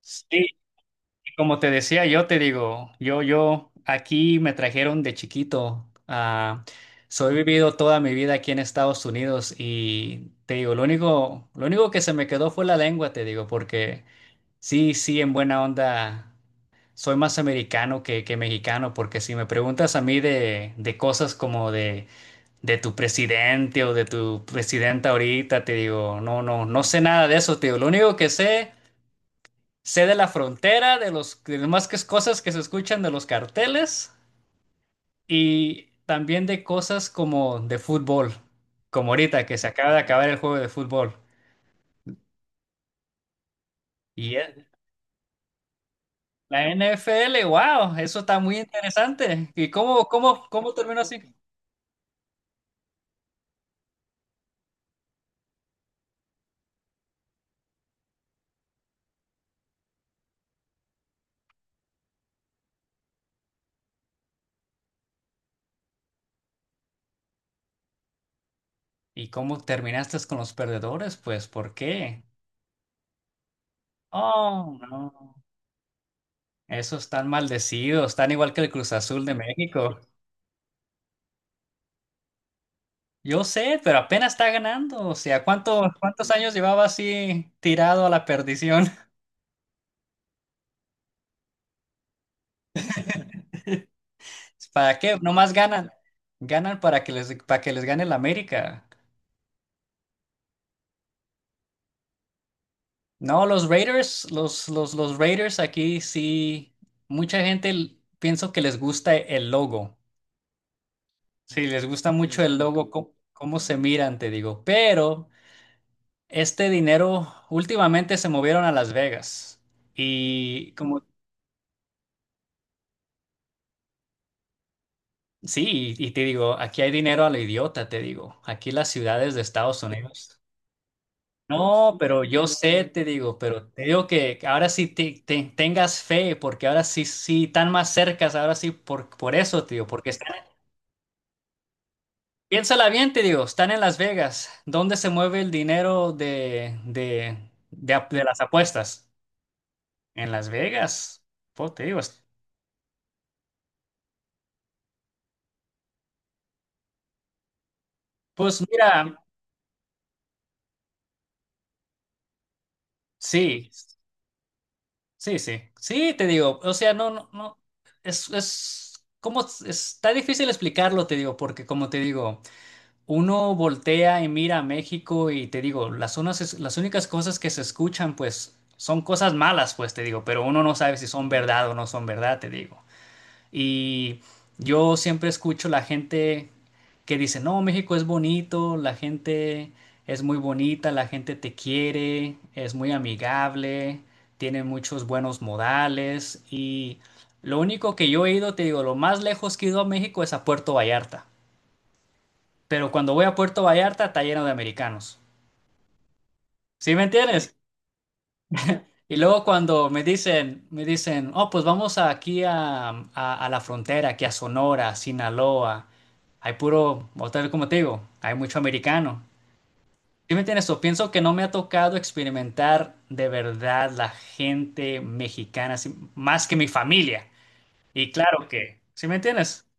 Sí, como te decía, yo te digo, yo, aquí me trajeron de chiquito. Soy vivido toda mi vida aquí en Estados Unidos y te digo, lo único que se me quedó fue la lengua, te digo, porque sí, sí, en buena onda, soy más americano que mexicano, porque si me preguntas a mí de cosas como de tu presidente o de tu presidenta ahorita, te digo, no sé nada de eso, te digo, lo único que sé sé de la frontera, de los de las más que cosas que se escuchan de los carteles y también de cosas como de fútbol, como ahorita que se acaba de acabar el juego de fútbol. Y eh, la NFL, wow, eso está muy interesante. ¿Y cómo terminó así? ¿Y cómo terminaste con los perdedores? Pues, ¿por qué? Oh, no. Esos están maldecidos, están igual que el Cruz Azul de México. Yo sé, pero apenas está ganando. O sea, ¿cuántos años llevaba así tirado a la perdición? ¿Para qué? Nomás ganan. Ganan para que para que les gane el América. No, los Raiders, los Raiders aquí sí, mucha gente pienso que les gusta el logo. Sí, les gusta mucho el logo, cómo se miran, te digo. Pero este dinero últimamente se movieron a Las Vegas. Y como sí, y te digo, aquí hay dinero a lo idiota, te digo. Aquí las ciudades de Estados Unidos. No, pero yo sé, te digo, pero te digo que ahora sí tengas fe, porque ahora sí, sí, están más cercas, ahora sí, por eso, te digo, porque están, piénsala bien, te digo, están en Las Vegas. ¿Dónde se mueve el dinero de las apuestas? En Las Vegas. Pues te digo, pues mira, sí. Sí, te digo, o sea, no, es, como, está difícil explicarlo, te digo, porque como te digo, uno voltea y mira a México y te digo, las unas, las únicas cosas que se escuchan, pues, son cosas malas, pues, te digo, pero uno no sabe si son verdad o no son verdad, te digo. Y yo siempre escucho la gente que dice, no, México es bonito, la gente es muy bonita, la gente te quiere, es muy amigable, tiene muchos buenos modales. Y lo único que yo he ido, te digo, lo más lejos que he ido a México es a Puerto Vallarta. Pero cuando voy a Puerto Vallarta está lleno de americanos. ¿Sí me entiendes? Y luego cuando me dicen, oh, pues vamos aquí a la frontera, aquí a Sonora, Sinaloa. Hay puro, otra vez como te digo, hay mucho americano. ¿Sí me entiendes? O pienso que no me ha tocado experimentar de verdad la gente mexicana, así, más que mi familia. Y claro que, ¿sí me entiendes?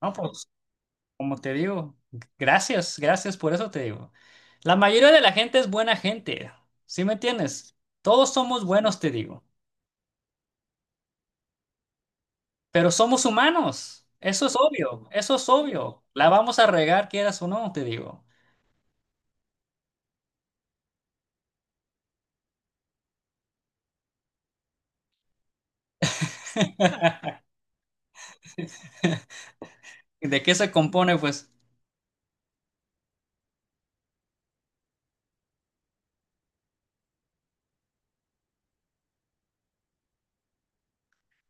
No, pues, como te digo, gracias, gracias por eso te digo. La mayoría de la gente es buena gente, ¿sí me entiendes? Todos somos buenos, te digo. Pero somos humanos, eso es obvio, eso es obvio. La vamos a regar, quieras o no, te digo. ¿Y de qué se compone? Pues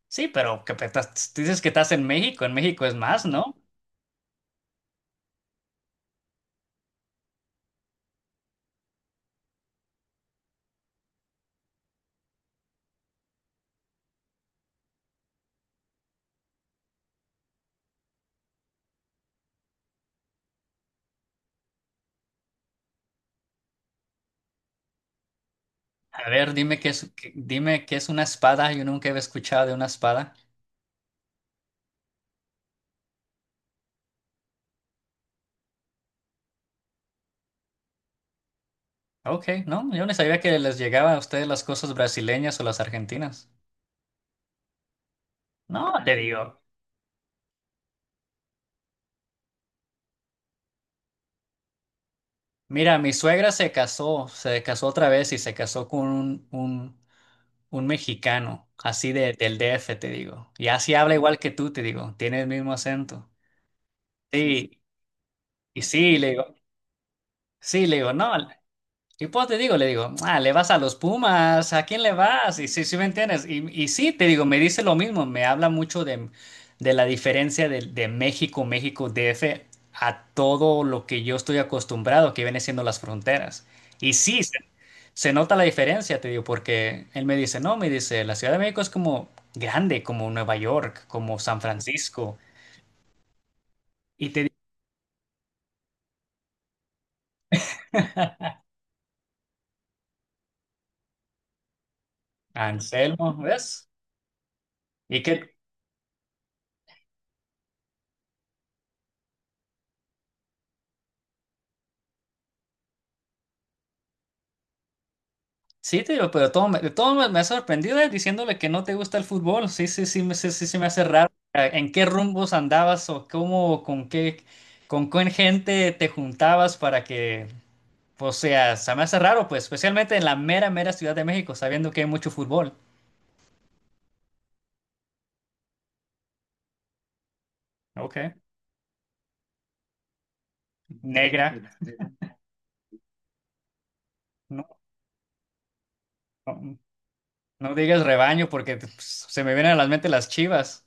sí, pero que dices que estás en México es más, ¿no? A ver, dime qué es, dime qué es una espada, yo nunca había escuchado de una espada. Ok, no, yo no sabía que les llegaban a ustedes las cosas brasileñas o las argentinas. No, te digo. Mira, mi suegra se casó otra vez y se casó con un mexicano, así de, del DF, te digo. Y así habla igual que tú, te digo. Tiene el mismo acento. Sí, y sí, le digo, no. Y pues te digo, le digo, ah, le vas a los Pumas, ¿a quién le vas? Y sí, sí, ¿me entiendes? Y sí, te digo, me dice lo mismo, me habla mucho de la diferencia de México, México, DF, a todo lo que yo estoy acostumbrado, que viene siendo las fronteras. Y sí, se nota la diferencia, te digo, porque él me dice, no, me dice, la Ciudad de México es como grande, como Nueva York, como San Francisco. Y te digo, Anselmo, ¿ves? Y que, sí, te digo, pero de todo me ha sorprendido diciéndole que no te gusta el fútbol. Sí, sí, sí me hace raro. ¿En qué rumbos andabas o cómo, con qué gente te juntabas para que, o sea, se me hace raro, pues, especialmente en la mera, mera Ciudad de México, sabiendo que hay mucho fútbol. Ok. Negra. No, no. No digas rebaño porque pues, se me vienen a la mente las Chivas.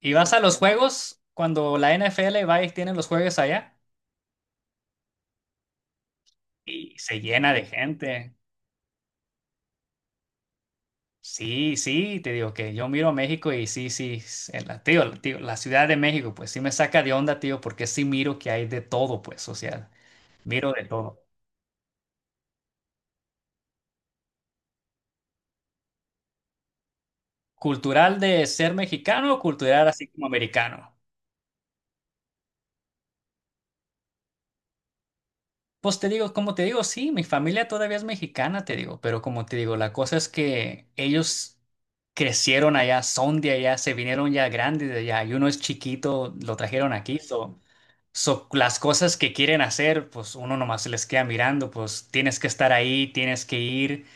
Y vas a los juegos cuando la NFL va y tiene los juegos allá y se llena de gente. Sí, sí, te digo que yo miro México y sí, sí, en la, tío, la Ciudad de México, pues sí me saca de onda, tío, porque sí miro que hay de todo, pues, o sea, miro de todo. Cultural de ser mexicano, cultural así como americano. Pues te digo, como te digo, sí, mi familia todavía es mexicana, te digo, pero como te digo, la cosa es que ellos crecieron allá, son de allá, se vinieron ya grandes de allá, y uno es chiquito, lo trajeron aquí, so, so las cosas que quieren hacer, pues uno nomás se les queda mirando, pues tienes que estar ahí, tienes que ir,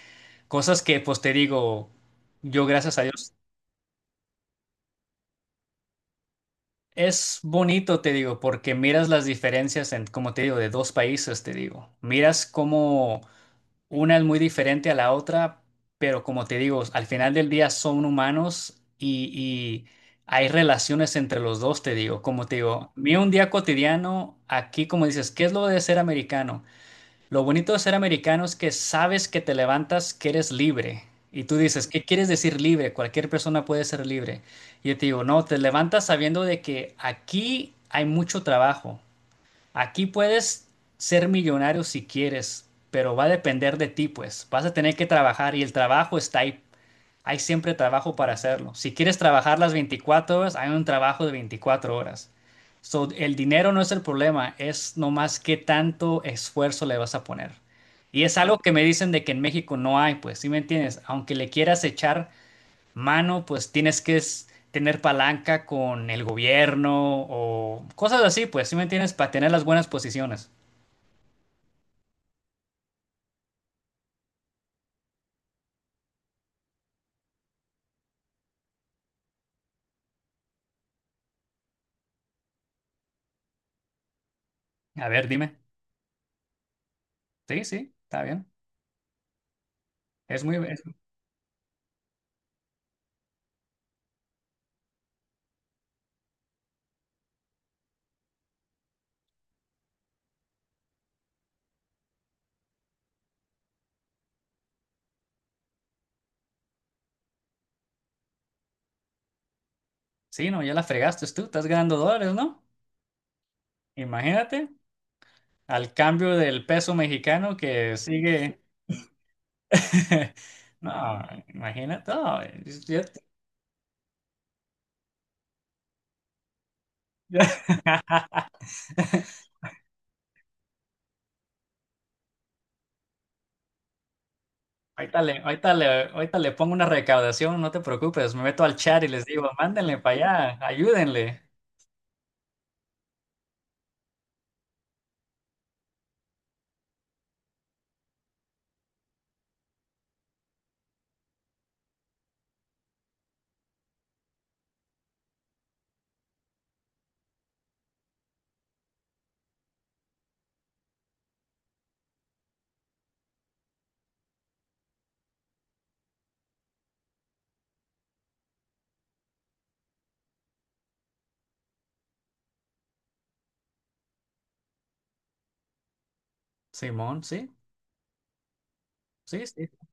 cosas que pues te digo, yo gracias a Dios, es bonito, te digo, porque miras las diferencias en, como te digo, de dos países, te digo, miras cómo una es muy diferente a la otra, pero como te digo, al final del día son humanos y hay relaciones entre los dos, te digo. Como te digo, mira un día cotidiano, aquí como dices, ¿qué es lo de ser americano? Lo bonito de ser americano es que sabes que te levantas, que eres libre. Y tú dices, ¿qué quieres decir libre? Cualquier persona puede ser libre. Y yo te digo, no, te levantas sabiendo de que aquí hay mucho trabajo. Aquí puedes ser millonario si quieres, pero va a depender de ti, pues. Vas a tener que trabajar y el trabajo está ahí. Hay siempre trabajo para hacerlo. Si quieres trabajar las 24 horas, hay un trabajo de 24 horas. So, el dinero no es el problema, es nomás qué tanto esfuerzo le vas a poner. Y es algo que me dicen de que en México no hay, pues, ¿sí me entiendes? Aunque le quieras echar mano, pues tienes que tener palanca con el gobierno o cosas así, pues, ¿sí me entiendes? Para tener las buenas posiciones. A ver, dime. Sí, sí, está bien. Es muy... es- Sí, no, ya la fregaste tú, estás ganando dólares, ¿no? Imagínate, al cambio del peso mexicano que sigue... No, imagínate. No, es- yo- yo- Ahorita le, ahorita le- ahorita le pongo una recaudación, no te preocupes, me meto al chat y les digo, mándenle para allá, ayúdenle. Simón, sí, sí, sí.